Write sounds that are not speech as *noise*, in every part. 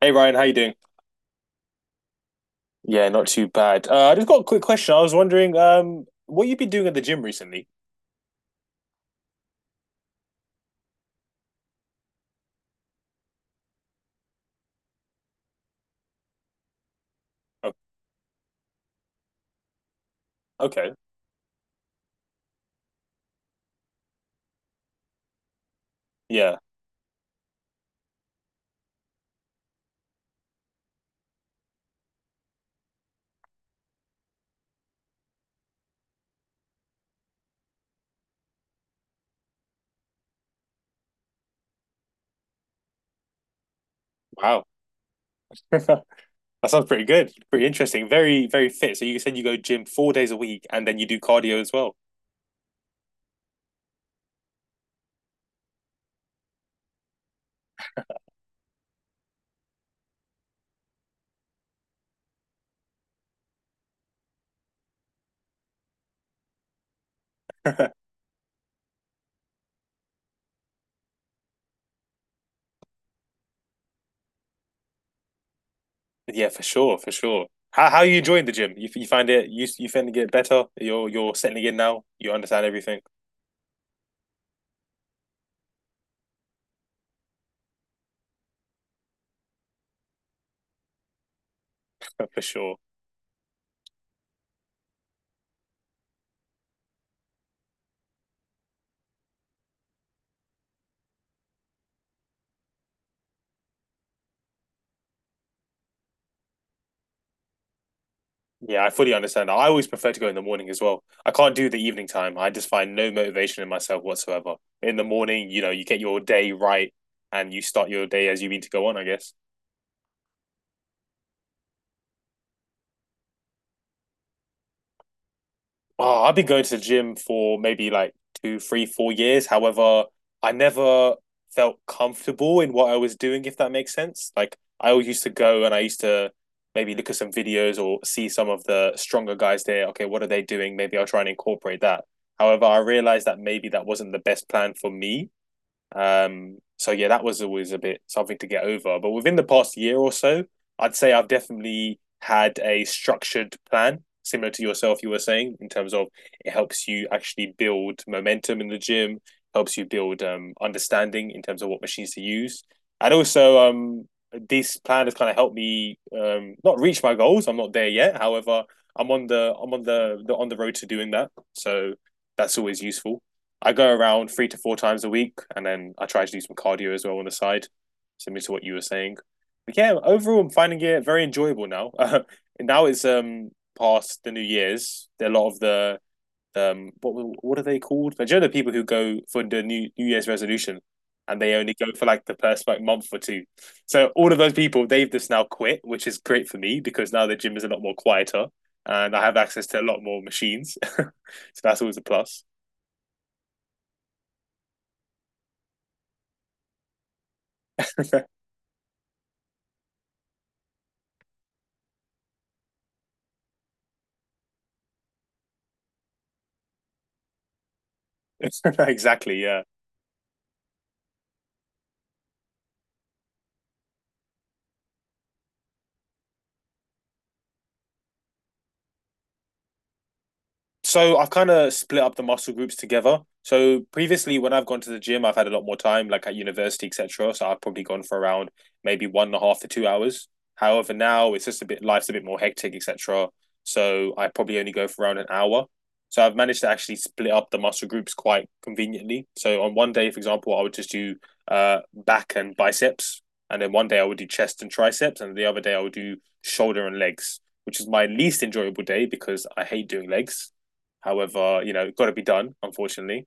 Hey Ryan, how you doing? Yeah, not too bad. I just got a quick question. I was wondering, what you've been doing at the gym recently? Oh, okay. Yeah. Wow. *laughs* That sounds pretty good. Pretty interesting. Very, very fit. So you said you go gym 4 days a week and then you do cardio as well. *laughs* Yeah, for sure, for sure. How are you enjoying the gym? You find it, you find it get better? You're settling in now. You understand everything. *laughs* For sure. Yeah, I fully understand. I always prefer to go in the morning as well. I can't do the evening time. I just find no motivation in myself whatsoever. In the morning, you know, you get your day right and you start your day as you mean to go on, I guess. Oh, I've been going to the gym for maybe like two, three, 4 years. However, I never felt comfortable in what I was doing, if that makes sense. Like I always used to go and I used to maybe look at some videos or see some of the stronger guys there. Okay, what are they doing? Maybe I'll try and incorporate that. However, I realized that maybe that wasn't the best plan for me, so yeah, that was always a bit something to get over. But within the past year or so, I'd say I've definitely had a structured plan, similar to yourself, you were saying, in terms of it helps you actually build momentum in the gym, helps you build understanding in terms of what machines to use. And also, this plan has kind of helped me, not reach my goals. I'm not there yet. However, I'm on the, on the road to doing that. So that's always useful. I go around three to four times a week, and then I try to do some cardio as well on the side, similar to what you were saying. But yeah, overall, I'm finding it very enjoyable now. *laughs* Now it's past the New Year's. A lot of the um what what are they called? Like, do you know the people who go for the New Year's resolution, and they only go for like the first like month or two. So all of those people, they've just now quit, which is great for me because now the gym is a lot more quieter and I have access to a lot more machines. *laughs* So that's always a plus. *laughs* *laughs* Exactly. Yeah. So I've kind of split up the muscle groups together. So previously, when I've gone to the gym, I've had a lot more time, like at university, etc. So I've probably gone for around maybe one and a half to 2 hours. However, now it's just a bit life's a bit more hectic, etc. So I probably only go for around an hour. So I've managed to actually split up the muscle groups quite conveniently. So on one day, for example, I would just do back and biceps, and then one day I would do chest and triceps, and the other day I would do shoulder and legs, which is my least enjoyable day because I hate doing legs. However, you know, it's got to be done, unfortunately.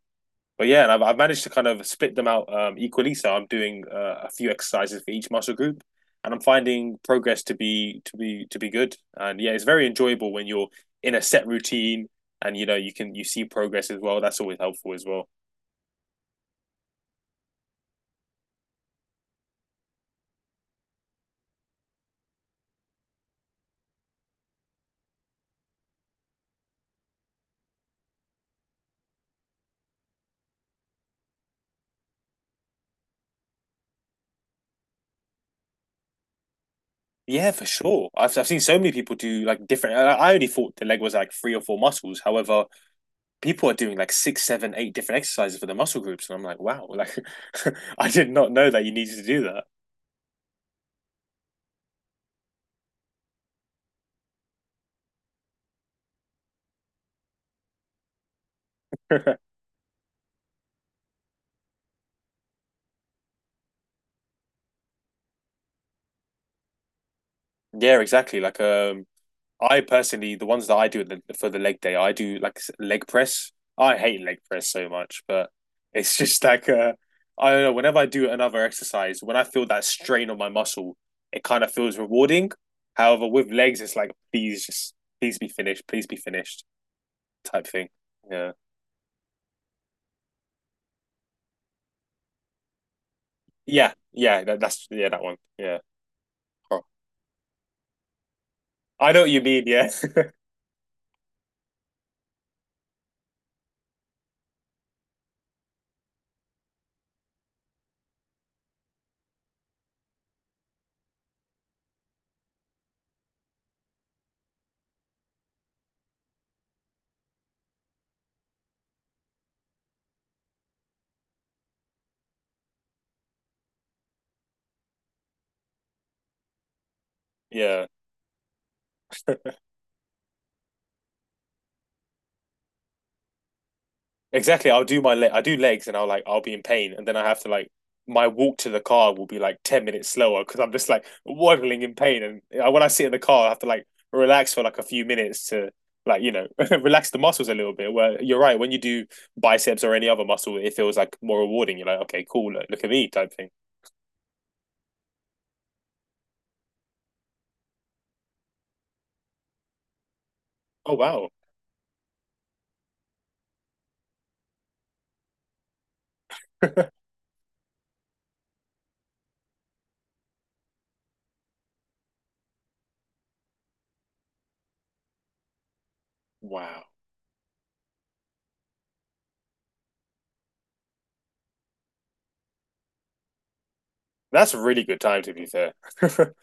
But yeah, and I've managed to kind of split them out, equally. So I'm doing a few exercises for each muscle group, and I'm finding progress to be good. And yeah, it's very enjoyable when you're in a set routine, and you know you see progress as well. That's always helpful as well. Yeah, for sure. I've seen so many people do like different. I only thought the leg was like three or four muscles. However, people are doing like six, seven, eight different exercises for the muscle groups, and I'm like, wow, like *laughs* I did not know that you needed to do that. *laughs* Yeah, exactly. Like I personally, the ones that I do for the leg day, I do like leg press. I hate leg press so much, but *laughs* it's just like, I don't know. Whenever I do another exercise, when I feel that strain on my muscle, it kind of feels rewarding. However, with legs, it's like please just please be finished type thing. Yeah, yeah, yeah. That's yeah that one. Yeah. Oh. I know what you mean. Yeah, *laughs* yeah. Exactly. I'll do my leg. I do legs, and I'll be in pain, and then I have to like my walk to the car will be like 10 minutes slower because I'm just like waddling in pain, and I, when I sit in the car, I have to like relax for like a few minutes to, like, you know, *laughs* relax the muscles a little bit. Where you're right, when you do biceps or any other muscle, it feels like more rewarding. You're like, okay, cool, look, look at me type thing. Oh wow. *laughs* Wow, that's a really good time to be fair. *laughs*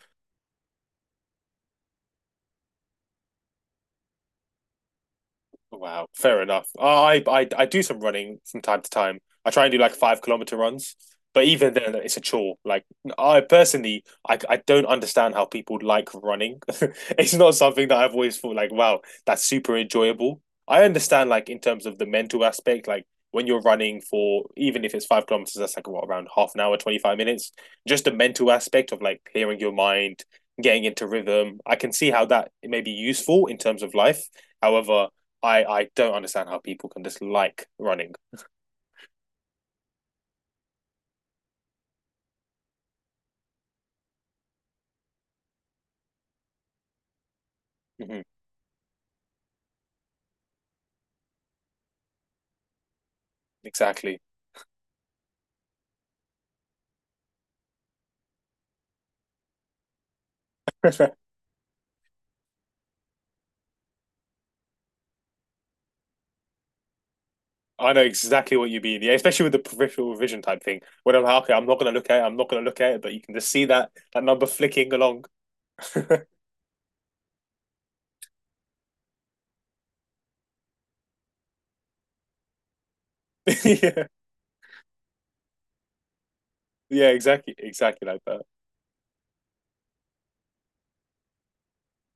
Wow, fair enough. Oh, I do some running from time to time. I try and do like 5 kilometer runs, but even then, it's a chore. Like I personally, I don't understand how people like running. *laughs* It's not something that I've always thought like, wow, that's super enjoyable. I understand like in terms of the mental aspect, like when you're running for even if it's 5 kilometers, that's like what around half an hour, 25 minutes. Just the mental aspect of like clearing your mind, getting into rhythm. I can see how that may be useful in terms of life. However, I don't understand how people can dislike running. Hmm. Exactly. *laughs* I know exactly what you mean. Yeah, especially with the peripheral vision type thing. When I'm like, okay, I'm not gonna look at it. I'm not gonna look at it, but you can just see that number flicking along. *laughs* Yeah, yeah, exactly, exactly like that.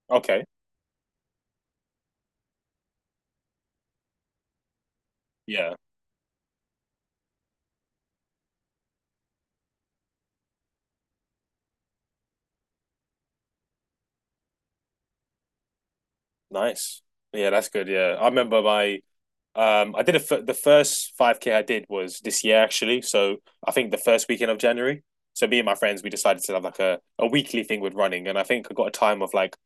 Okay, yeah, nice. Yeah, that's good. Yeah, I remember my. I did a the first 5K I did was this year actually. So I think the first weekend of January. So me and my friends we decided to have like a weekly thing with running, and I think I got a time of like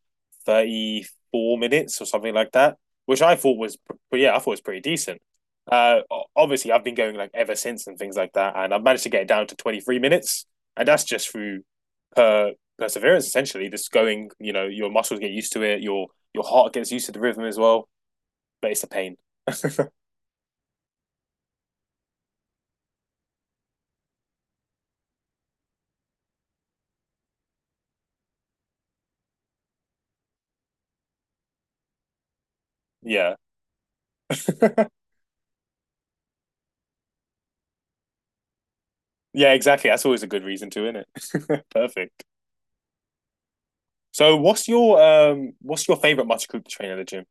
34 minutes or something like that, which I thought was, but yeah I thought was pretty decent. Uh, obviously I've been going like ever since and things like that, and I've managed to get it down to 23 minutes, and that's just through per perseverance essentially. Just going, you know, your muscles get used to it, your heart gets used to the rhythm as well, but it's a pain. *laughs* Yeah. *laughs* Yeah, exactly. That's always a good reason to, isn't it? *laughs* Perfect. So what's your favorite muscle group to train at the gym?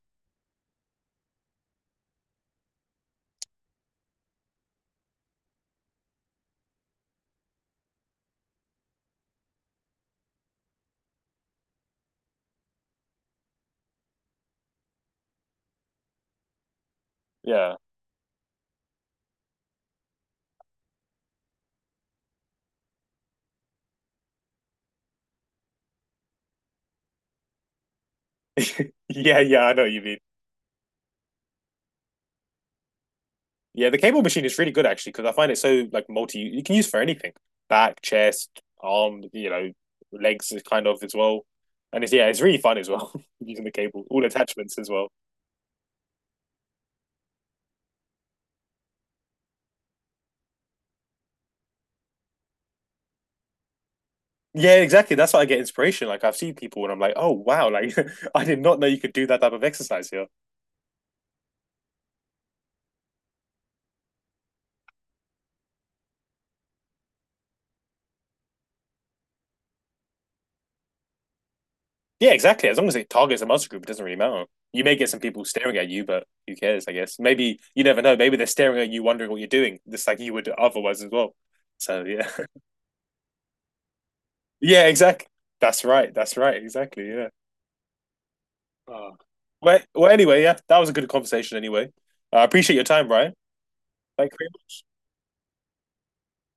Yeah. Yeah, yeah, I know what you mean. Yeah, the cable machine is really good actually because I find it so like multi you can use for anything. Back, chest, arm, you know, legs is kind of as well. And it's yeah, it's really fun as well *laughs* using the cable, all attachments as well. Yeah, exactly. That's why I get inspiration. Like I've seen people and I'm like, oh wow, like *laughs* I did not know you could do that type of exercise here. Yeah, exactly. As long as it targets a muscle group, it doesn't really matter. You may get some people staring at you, but who cares, I guess. Maybe you never know. Maybe they're staring at you wondering what you're doing, just like you would otherwise as well. So yeah. *laughs* Yeah, exactly. That's right. That's right. Exactly. Yeah. Oh. Well, well anyway, yeah, that was a good conversation anyway. I appreciate your time, Ryan. Thank you very much.